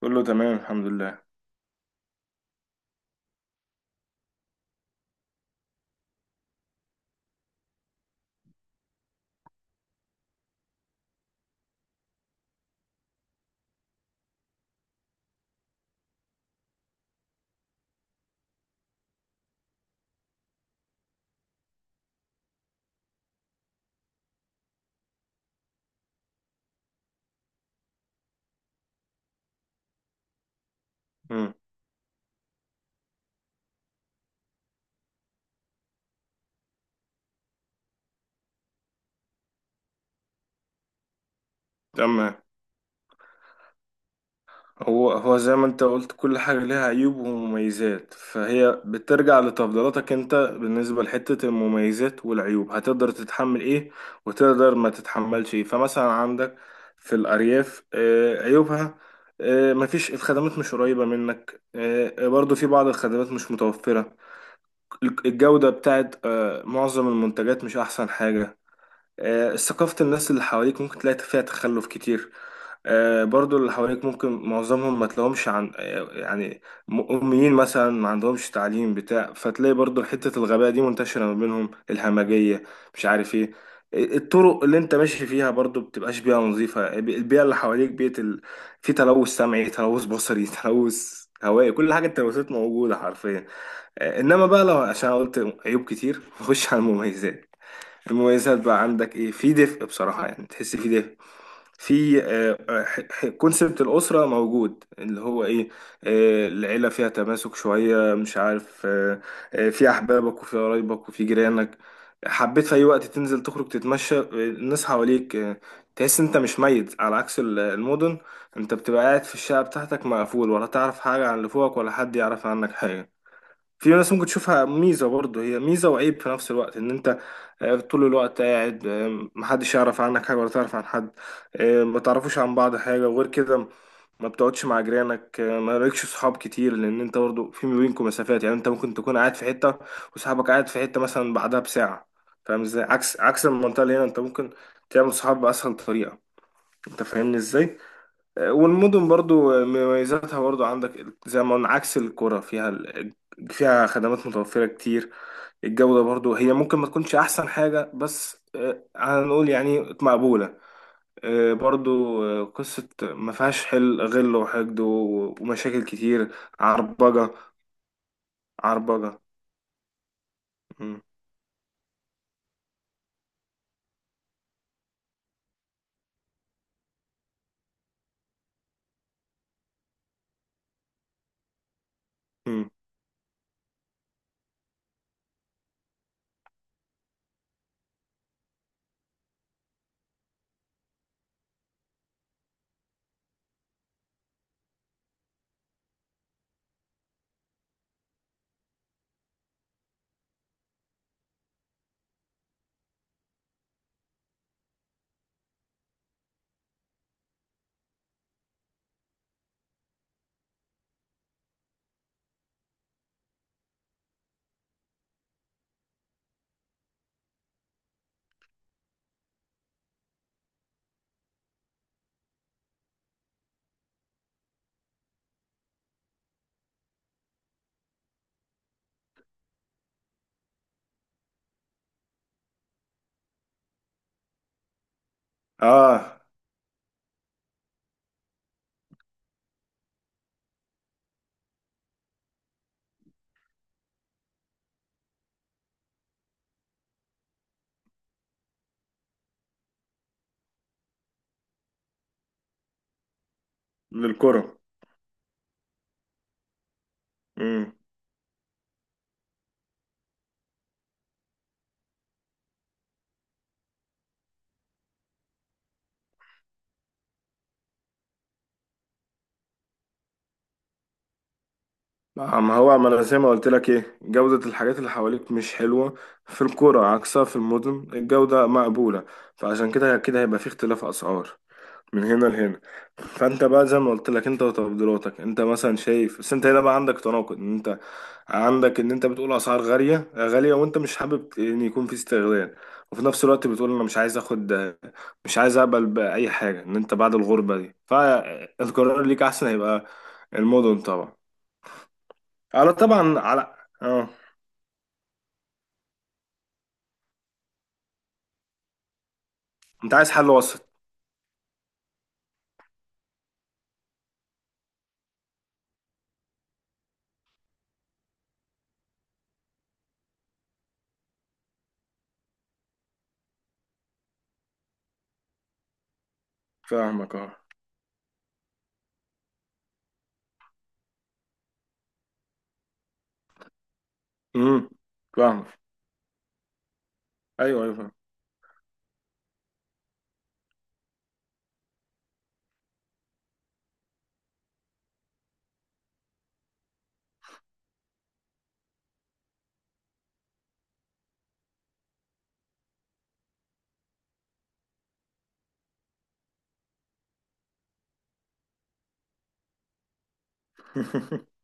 كله تمام الحمد لله. امم تمام. هو زي ما انت قلت، كل حاجة ليها عيوب ومميزات، فهي بترجع لتفضيلاتك انت. بالنسبة لحتة المميزات والعيوب، هتقدر تتحمل ايه وتقدر ما تتحملش ايه؟ فمثلا عندك في الأرياف عيوبها مفيش الخدمات، مش قريبة منك. برضو في بعض الخدمات مش متوفرة. الجودة بتاعت معظم المنتجات مش أحسن حاجة. ثقافة الناس اللي حواليك ممكن تلاقي فيها تخلف كتير. برضو اللي حواليك ممكن معظمهم ما تلاقيهمش عن يعني أميين مثلا، ما عندهمش تعليم بتاع، فتلاقي برضو حتة الغباء دي منتشرة ما بينهم، الهمجية، مش عارف ايه. الطرق اللي انت ماشي فيها برضو بتبقاش بيئة نظيفة. البيئة اللي حواليك بيئة في تلوث سمعي، تلوث بصري، تلوث هوائي، كل حاجة، التلوثات موجودة حرفيا. انما بقى، لو عشان قلت عيوب كتير نخش على المميزات. المميزات بقى عندك ايه؟ في دفء بصراحة، يعني تحس في دفء، في كونسبت الأسرة موجود، اللي هو ايه، العيلة فيها تماسك شوية، مش عارف في أحبابك وفي قرايبك وفي جيرانك. حبيت في أي وقت تنزل، تخرج، تتمشى، الناس حواليك، تحس انت مش ميت، على عكس المدن. انت بتبقى قاعد في الشقة بتاعتك مقفول، ولا تعرف حاجة عن اللي فوقك، ولا حد يعرف عنك حاجة. في ناس ممكن تشوفها ميزة برضه، هي ميزة وعيب في نفس الوقت، ان انت طول الوقت قاعد، محدش يعرف عنك حاجة ولا تعرف عن حد، ما تعرفوش عن بعض حاجة. وغير كده، ما بتقعدش مع جيرانك، ما لكش صحاب كتير، لان انت برضه في ما بينكم مسافات. يعني انت ممكن تكون قاعد في حتة وصاحبك قاعد في حتة مثلا بعدها بساعة. فاهم ازاي؟ عكس المنطقة اللي هنا، انت ممكن تعمل صحاب بأسهل طريقة. انت فاهمني ازاي؟ والمدن برضو مميزاتها، برضو عندك زي ما قلنا عكس القرى. فيها فيها خدمات متوفرة كتير. الجودة برضو هي ممكن ما تكونش أحسن حاجة، بس هنقول يعني مقبولة. برضو قصة ما فيهاش حل غل وحقد ومشاكل كتير. عربجة، عربجة. مم. مم. اه، للقرى. ما هو ما انا زي ما قلت لك، ايه جودة الحاجات اللي حواليك مش حلوة في القرى، عكسها في المدن، الجودة مقبولة، فعشان كده كده هيبقى في اختلاف اسعار من هنا لهنا. فانت بقى زي ما قلت لك، انت وتفضيلاتك انت، مثلا شايف. بس انت هنا بقى عندك تناقض، ان انت عندك ان انت بتقول اسعار غالية غالية وانت مش حابب ان يكون في استغلال، وفي نفس الوقت بتقول انا مش عايز اخد، مش عايز اقبل باي حاجة ان انت بعد الغربة دي. فالقرار ليك احسن هيبقى المدن طبعا، على طبعا على، اه. انت عايز حل وسط. فاهمك، اه. امم فاهمك. ايوه ايوه فاهم.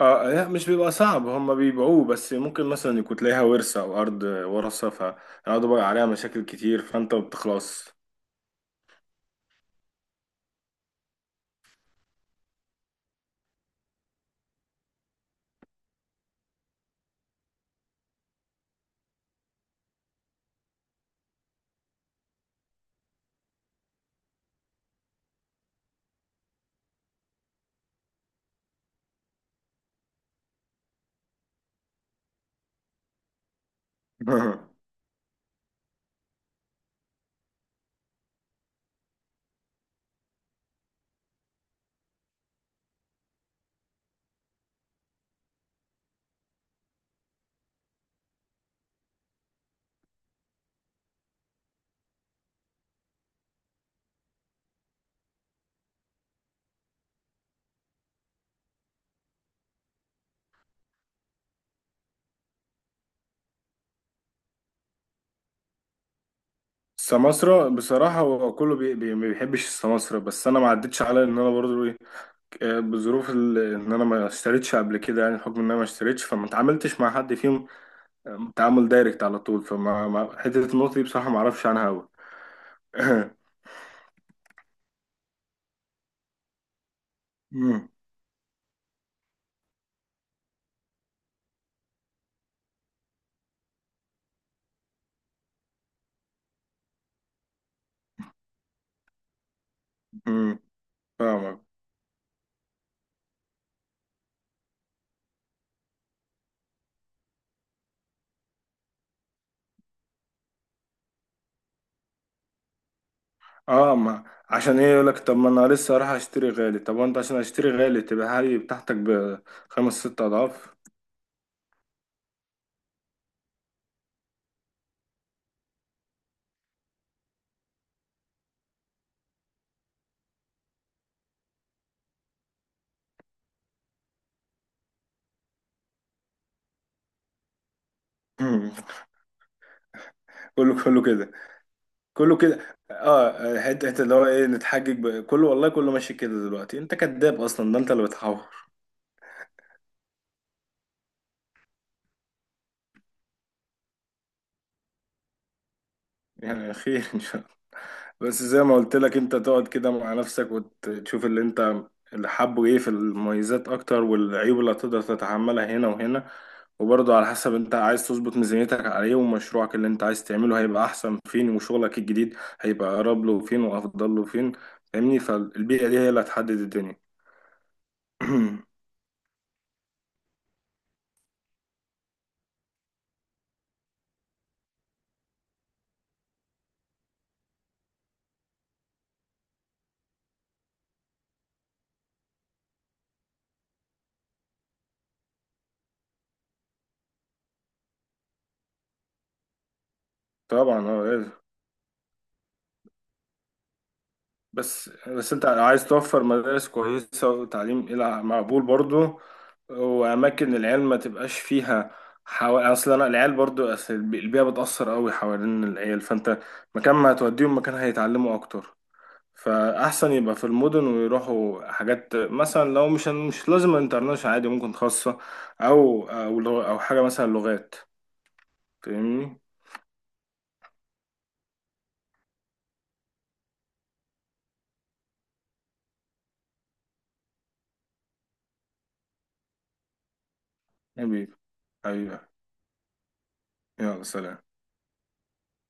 اه، لا مش بيبقى صعب، هما بيبيعوه، بس ممكن مثلا يكون تلاقيها ورثة، او ارض ورثة، فيقعدوا بقى عليها مشاكل كتير فانت بتخلص. السماسرة بصراحة هو كله بي بي ما بيحبش السماسرة، بس أنا ما عدتش على إن أنا برضو إيه، بظروف إن أنا ما اشتريتش قبل كده. يعني بحكم إن أنا ما اشتريتش، فما اتعاملتش مع حد فيهم تعامل دايركت على طول، فما حتة النقطة دي بصراحة ما اعرفش عنها أوي. مم، مم، فاهمك، اه. ما عشان ايه؟ يقولك طب ما انا لسه رايح اشتري غالي، طب وانت عشان اشتري غالي تبقى هاي بتاعتك بخمس ست اضعاف؟ مم. كله كله كده، كله كده، اه. حتة حتة اللي هو ايه، نتحجج كله، والله كله ماشي كده دلوقتي. انت كذاب اصلا، ده انت اللي بتحور. يعني خير. بس زي ما قلت لك، انت تقعد كده مع نفسك وتشوف اللي انت اللي حابه ايه في المميزات اكتر، والعيوب اللي هتقدر تتحملها هنا وهنا. وبرضه على حسب انت عايز تظبط ميزانيتك على ايه، ومشروعك اللي انت عايز تعمله هيبقى احسن فين، وشغلك الجديد هيبقى اقرب له فين وافضل له فين. فاهمني؟ فالبيئة دي هي اللي هتحدد الدنيا. طبعا اه لازم. بس بس انت عايز توفر مدارس كويسة وتعليم إلى مقبول برضو، وأماكن العيال ما تبقاش فيها أصل أنا العيال برضو، أصل البيئة بتأثر أوي حوالين العيال، فأنت مكان ما هتوديهم، مكان هيتعلموا أكتر. فأحسن يبقى في المدن، ويروحوا حاجات مثلا، لو مش مش لازم انترناشونال عادي، ممكن خاصة أو أو أو حاجة مثلا لغات. فاهمني؟ حبيبي، حبيبي. يلا سلام.